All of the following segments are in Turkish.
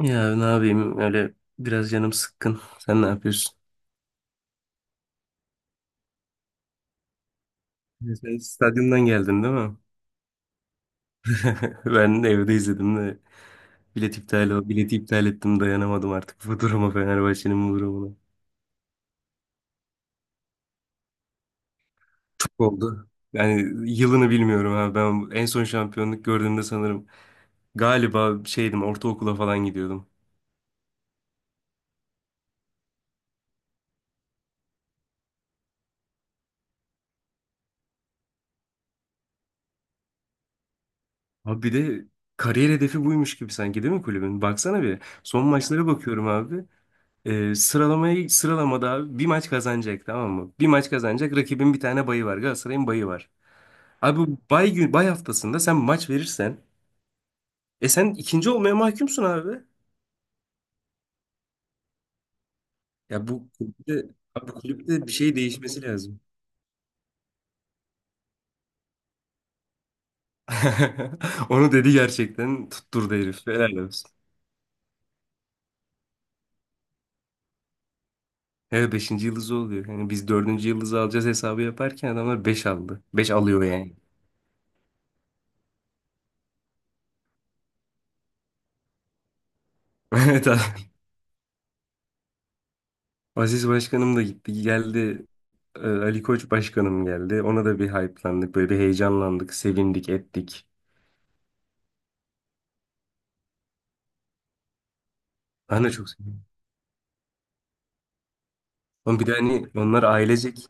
Ya ne yapayım öyle biraz canım sıkkın. Sen ne yapıyorsun? Sen stadyumdan geldin değil mi? Ben de evde izledim de bilet iptal o bileti iptal ettim dayanamadım artık bu duruma Fenerbahçe'nin bu durumuna. Çok oldu. Yani yılını bilmiyorum abi ben en son şampiyonluk gördüğümde sanırım galiba şeydim ortaokula falan gidiyordum. Abi bir de kariyer hedefi buymuş gibi sanki değil mi kulübün? Baksana bir son maçlara bakıyorum abi. Sıralamada abi bir maç kazanacak tamam mı? Bir maç kazanacak rakibin bir tane bayı var. Galatasaray'ın bayı var. Abi bu bay gün bay haftasında sen maç verirsen sen ikinci olmaya mahkumsun abi. Ya abi kulüpte bir şey değişmesi lazım. Onu dedi gerçekten tutturdu herif. Helal olsun. Evet beşinci yıldızı oluyor. Yani biz dördüncü yıldızı alacağız hesabı yaparken adamlar 5 aldı. Beş alıyor yani. Evet abi. Aziz Başkanım da gitti geldi. Ali Koç Başkanım geldi. Ona da bir hype'landık. Böyle bir heyecanlandık. Sevindik ettik. Ben de çok sevindim. Oğlum bir de hani onlar ailecek.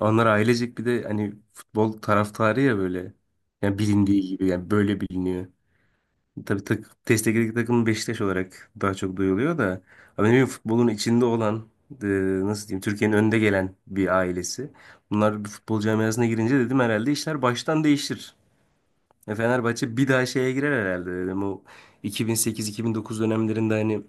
Onlar ailecek bir de hani futbol taraftarı ya böyle. Yani bilindiği gibi yani böyle biliniyor. Tabii destekli takım Beşiktaş olarak daha çok duyuluyor da. Ama ne bileyim, futbolun içinde olan e, nasıl diyeyim Türkiye'nin önde gelen bir ailesi. Bunlar bir futbol camiasına girince dedim herhalde işler baştan değişir. Ya Fenerbahçe bir daha şeye girer herhalde dedim. O 2008-2009 dönemlerinde hani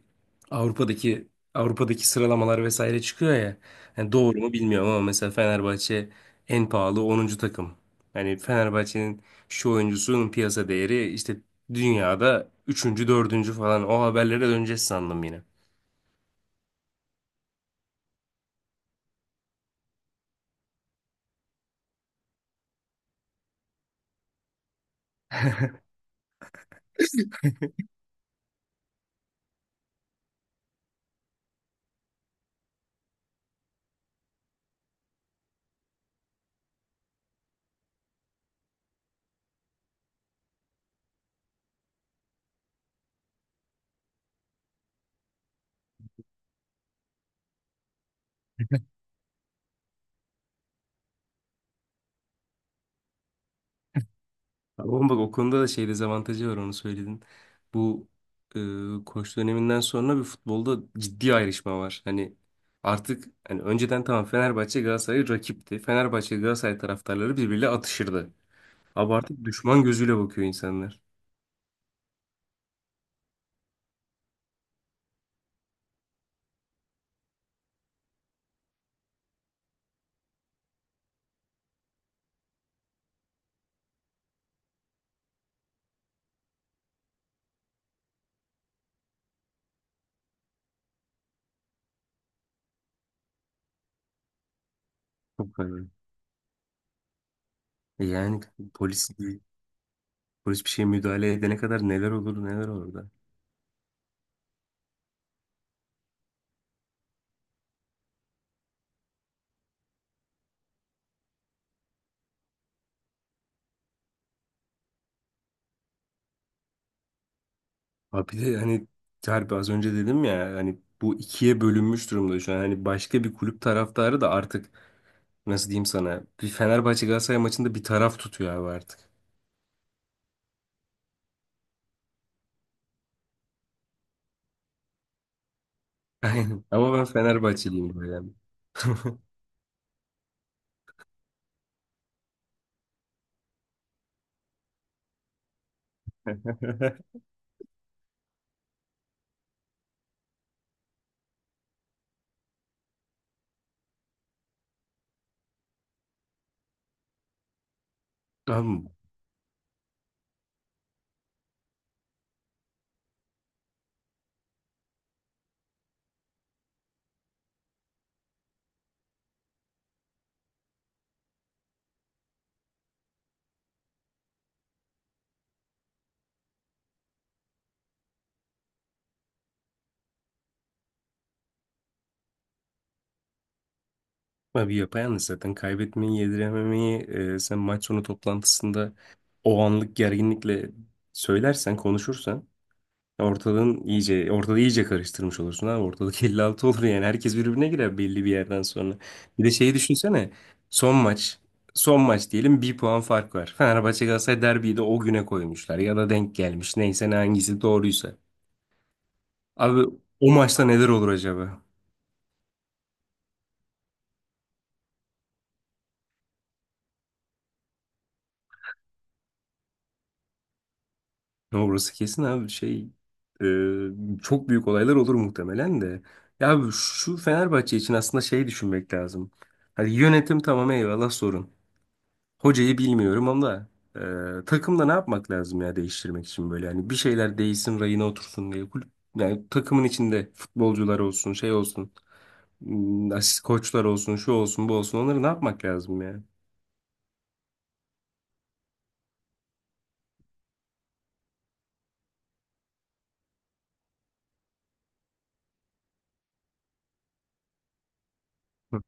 Avrupa'daki Avrupa'daki sıralamalar vesaire çıkıyor ya. Yani doğru mu bilmiyorum ama mesela Fenerbahçe en pahalı 10. takım. Hani Fenerbahçe'nin şu oyuncusunun piyasa değeri işte dünyada üçüncü dördüncü falan o haberlere döneceğiz sandım yine. Ama bak o konuda da şey dezavantajı var onu söyledin. Bu koç döneminden sonra bir futbolda ciddi ayrışma var. Hani artık hani önceden tamam Fenerbahçe Galatasaray rakipti. Fenerbahçe Galatasaray taraftarları birbiriyle atışırdı. Ama artık düşman gözüyle bakıyor insanlar. Çok garip. Yani polis polis bir şeye müdahale edene kadar neler olur neler olur da. Abi bir de hani Harbi az önce dedim ya hani bu ikiye bölünmüş durumda şu an. Hani başka bir kulüp taraftarı da artık nasıl diyeyim sana bir Fenerbahçe Galatasaray maçında bir taraf tutuyor abi artık. Aynen. Ama ben Fenerbahçeliyim böyle. Abi, abi, yapayalnız zaten kaybetmeyi yedirememeyi sen maç sonu toplantısında o anlık gerginlikle söylersen konuşursan ortalığı iyice karıştırmış olursun abi. Ortalık 56 olur yani. Herkes birbirine girer belli bir yerden sonra. Bir de şeyi düşünsene. Son maç. Son maç diyelim bir puan fark var. Fenerbahçe Galatasaray derbiyi de o güne koymuşlar. Ya da denk gelmiş. Neyse ne hangisi doğruysa. Abi o maçta neler olur acaba? Orası kesin abi. Çok büyük olaylar olur muhtemelen de. Ya abi şu Fenerbahçe için aslında şey düşünmek lazım. Hani yönetim tamam eyvallah sorun. Hocayı bilmiyorum ama takımda ne yapmak lazım ya değiştirmek için böyle yani bir şeyler değişsin rayına otursun diye kulüp yani takımın içinde futbolcular olsun şey olsun asist koçlar olsun şu olsun bu olsun onları ne yapmak lazım ya? Hı.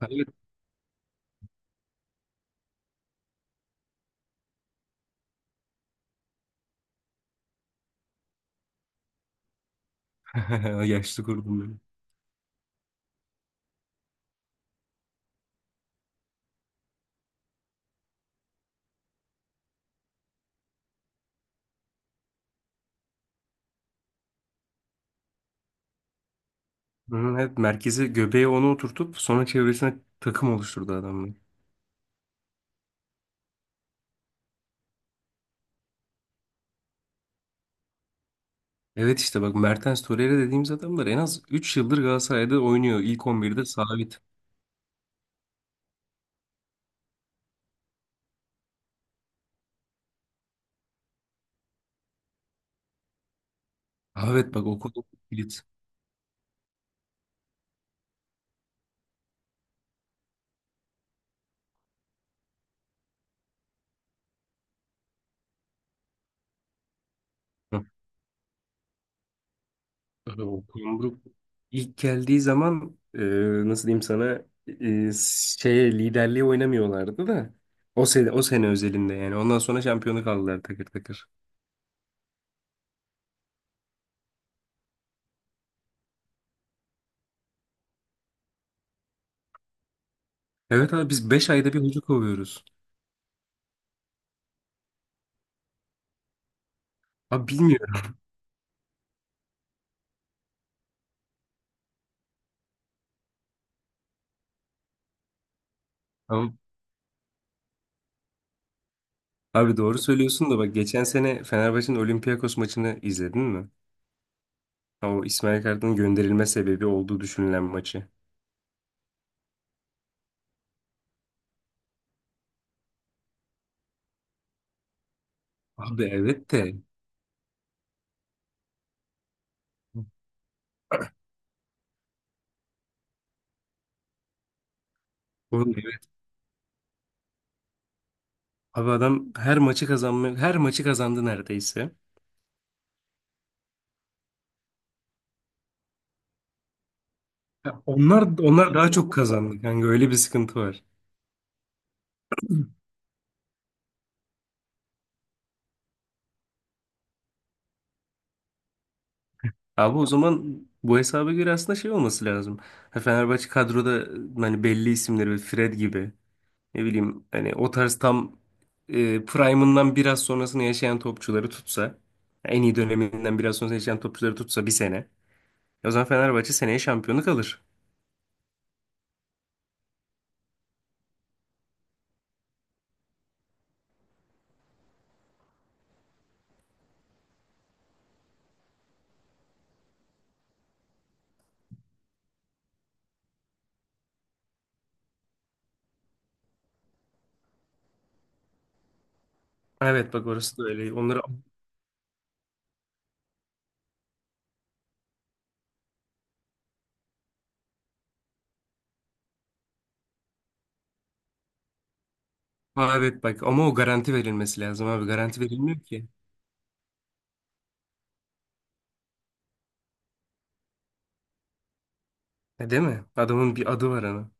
Hayır. Yaşlı kurdum beni. Hı, evet merkeze göbeğe onu oturtup sonra çevresine takım oluşturdu adamlar. Evet işte bak Mertens Torreira dediğimiz adamlar en az 3 yıldır Galatasaray'da oynuyor. İlk 11'de sabit. Ha, evet bak o kadar kilit. Abi Okan Buruk ilk geldiği zaman nasıl diyeyim sana liderliğe oynamıyorlardı da o sene özelinde yani ondan sonra şampiyonu kaldılar takır takır. Evet abi biz 5 ayda bir hoca kovuyoruz. Abi bilmiyorum. Abi, abi, doğru söylüyorsun da bak geçen sene Fenerbahçe'nin Olympiakos maçını izledin mi? O İsmail Kartal'ın gönderilme sebebi olduğu düşünülen maçı. Abi evet de Oğlum evet. Abi adam her maçı kazanmıyor. Her maçı kazandı neredeyse. Ya Onlar daha çok kazandı kanka öyle bir sıkıntı var. Abi o zaman bu hesaba göre aslında şey olması lazım. Ha, Fenerbahçe kadroda hani belli isimleri böyle Fred gibi ne bileyim hani o tarz tam prime'ından biraz sonrasını yaşayan topçuları tutsa en iyi döneminden biraz sonrasını yaşayan topçuları tutsa bir sene. O zaman Fenerbahçe seneye şampiyonluk alır. Evet bak orası da öyle. Aa, evet bak ama o garanti verilmesi lazım abi. Garanti verilmiyor ki. Ha, değil mi? Adamın bir adı var ana.